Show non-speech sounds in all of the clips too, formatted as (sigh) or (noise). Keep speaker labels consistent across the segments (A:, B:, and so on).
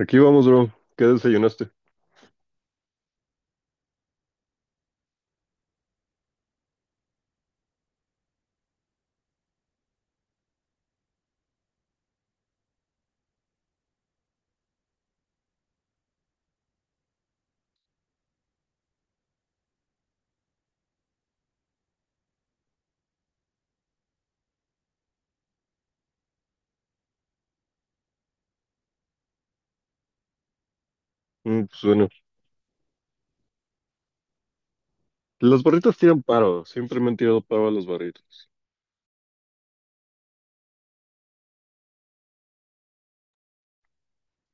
A: Aquí vamos, bro. ¿Qué desayunaste? Pues bueno, las barritas tiran paro. Siempre me han tirado paro a las barritas.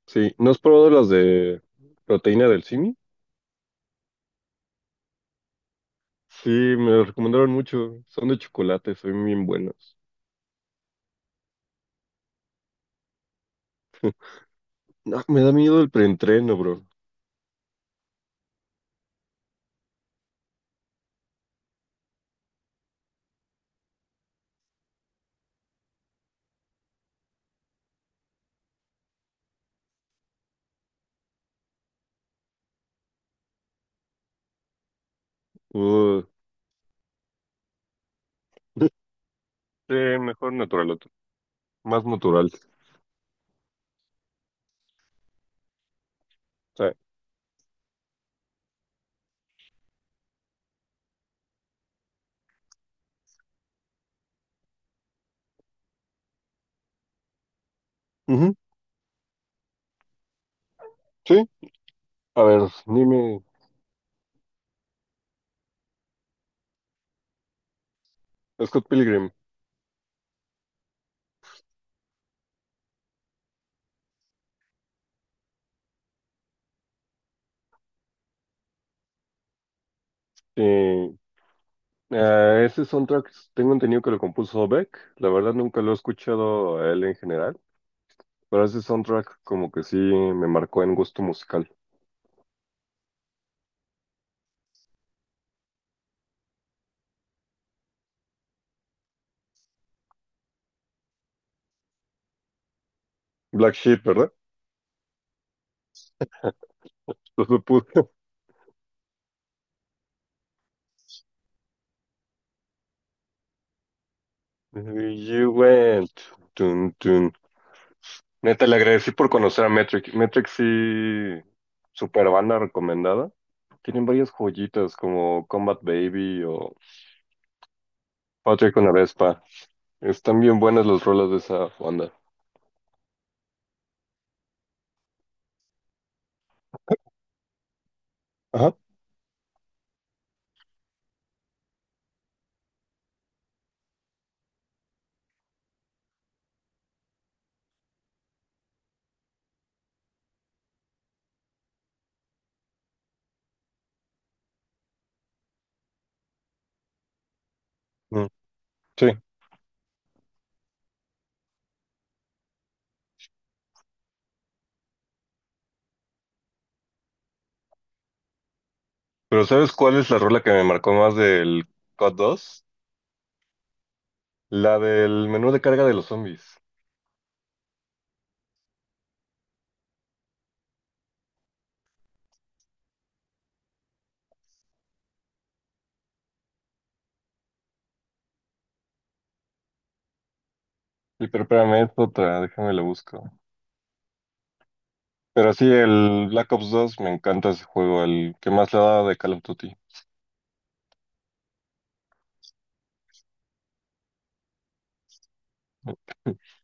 A: Sí, ¿no has probado las de proteína del simi? Sí, me las recomendaron mucho. Son de chocolate, son bien buenas. No, me da miedo el preentreno, bro. Uh. (laughs) Sí, mejor naturaloto. Más natural. Sí. Ujú, sí. A ver, dime, Scott Pilgrim. Sí. Ah, ese soundtrack tengo entendido que lo compuso Beck. La verdad nunca lo he escuchado a él en general. Pero ese soundtrack como que sí me marcó en gusto musical. Black Sheep, ¿verdad? (laughs) Entonces puse You went. Tun, tun. Neta, le agradecí por conocer a Metric. Metric sí, super banda recomendada. Tienen varias joyitas como Combat Baby o Patrick con la Vespa. Están bien buenas las rolas de esa banda. Ajá. Mm, sí. Pero ¿sabes cuál es la rola que me marcó más del COD 2? La del menú de carga de los zombies. Y pero espérame, es otra, déjame la busco. Pero sí, el Black Ops dos me encanta ese juego, el que más le da de Call of Duty. (laughs)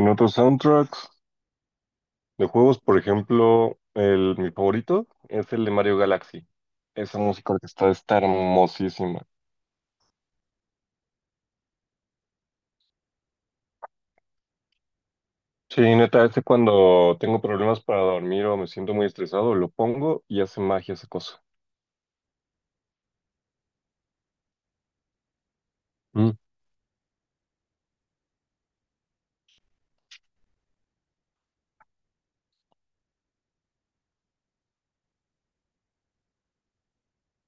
A: En otros soundtracks de juegos, por ejemplo, mi favorito es el de Mario Galaxy. Esa música está hermosísima. Sí, neta, ese cuando tengo problemas para dormir o me siento muy estresado, lo pongo y hace magia esa cosa. Mm.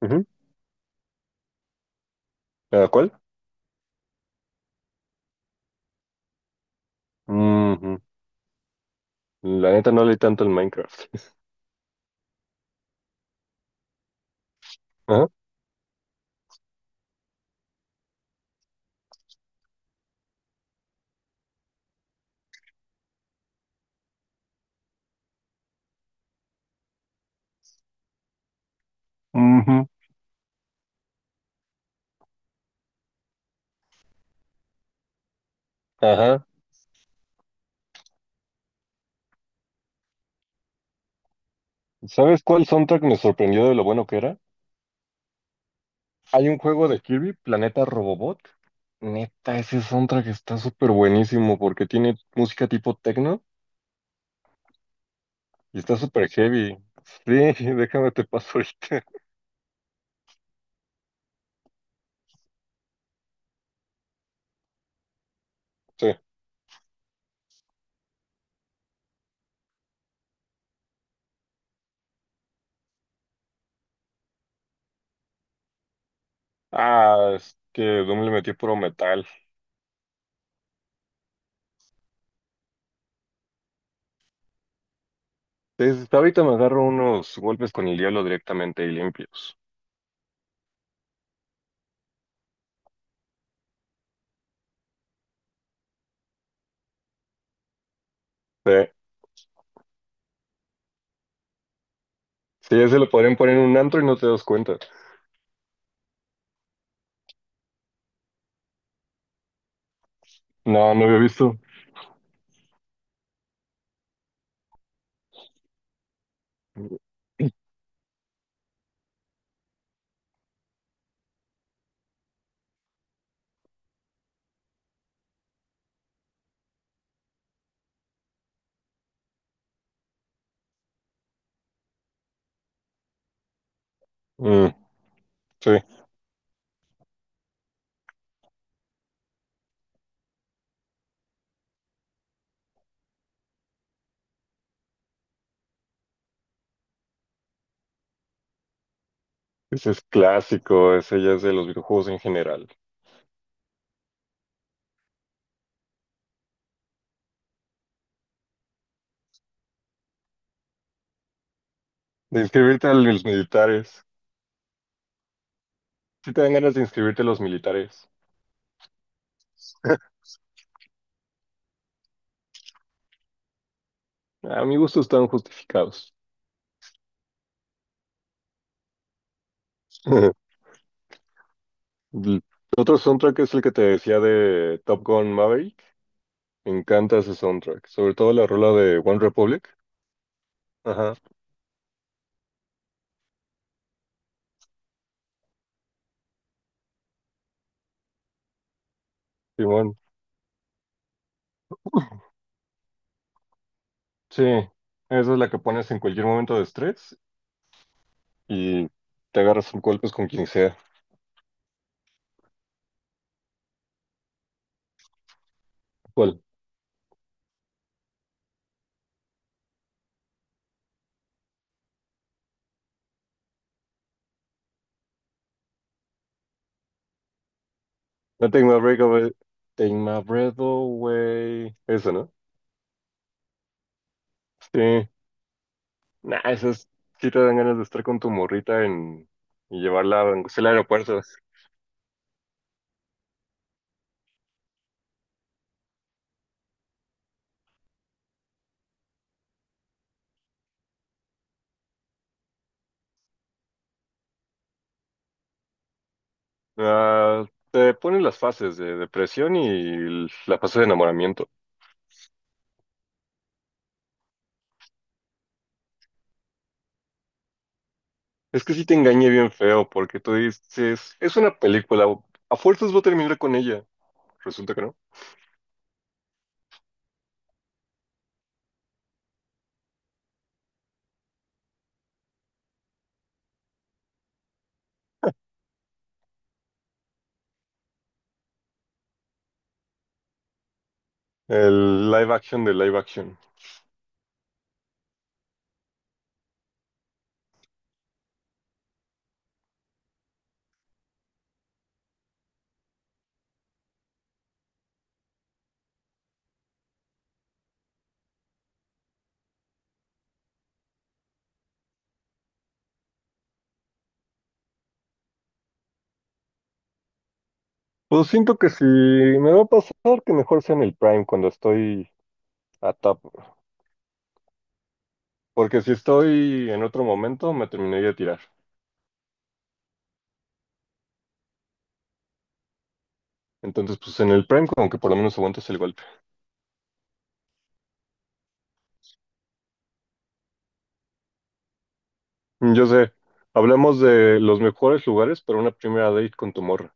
A: Ujú. ¿Cada cuál? Ujú. La neta no leí tanto el Minecraft. (laughs) Ajá. Ujú. Ajá. ¿Sabes cuál soundtrack me sorprendió de lo bueno que era? Hay un juego de Kirby, Planeta Robobot. Neta, ese soundtrack está súper buenísimo porque tiene música tipo techno y está súper heavy. Sí, (laughs) déjame te paso ahorita. (laughs) Sí. Ah, es que Doom le metió puro metal. Desde ahorita me agarro unos golpes con el diablo directamente y limpios. Sí, sí, ese lo podrían poner en un antro y no te das cuenta. No, no había visto. Mm, sí, ese es clásico, ese ya es de los videojuegos en general. De inscribirte a los militares. Si te dan ganas de inscribirte a los militares. A mi gusto están justificados. (laughs) El otro soundtrack es el que te decía de Top Gun Maverick. Me encanta ese soundtrack. Sobre todo la rola de One Republic. Ajá, simón. Sí, esa es la que pones en cualquier momento de estrés y te agarras a golpes con quien sea. ¿Cuál? No, Take My Breath Away. Take My Breath Away. Esa, ¿no? Sí. Nah, esas sí te dan ganas de estar con tu morrita en... y llevarla, aunque sea al aeropuerto. Ah, te ponen las fases de depresión y la fase de enamoramiento. Es que sí te engañé bien feo porque tú dices, es una película, a fuerzas voy a terminar con ella. Resulta que no. El live action de live action. Pues siento que si me va a pasar, que mejor sea en el Prime cuando estoy a top. Porque si estoy en otro momento, me terminaría de tirar. Entonces, pues en el Prime, como que por lo menos aguantas el golpe. Yo sé, hablamos de los mejores lugares para una primera date con tu morra.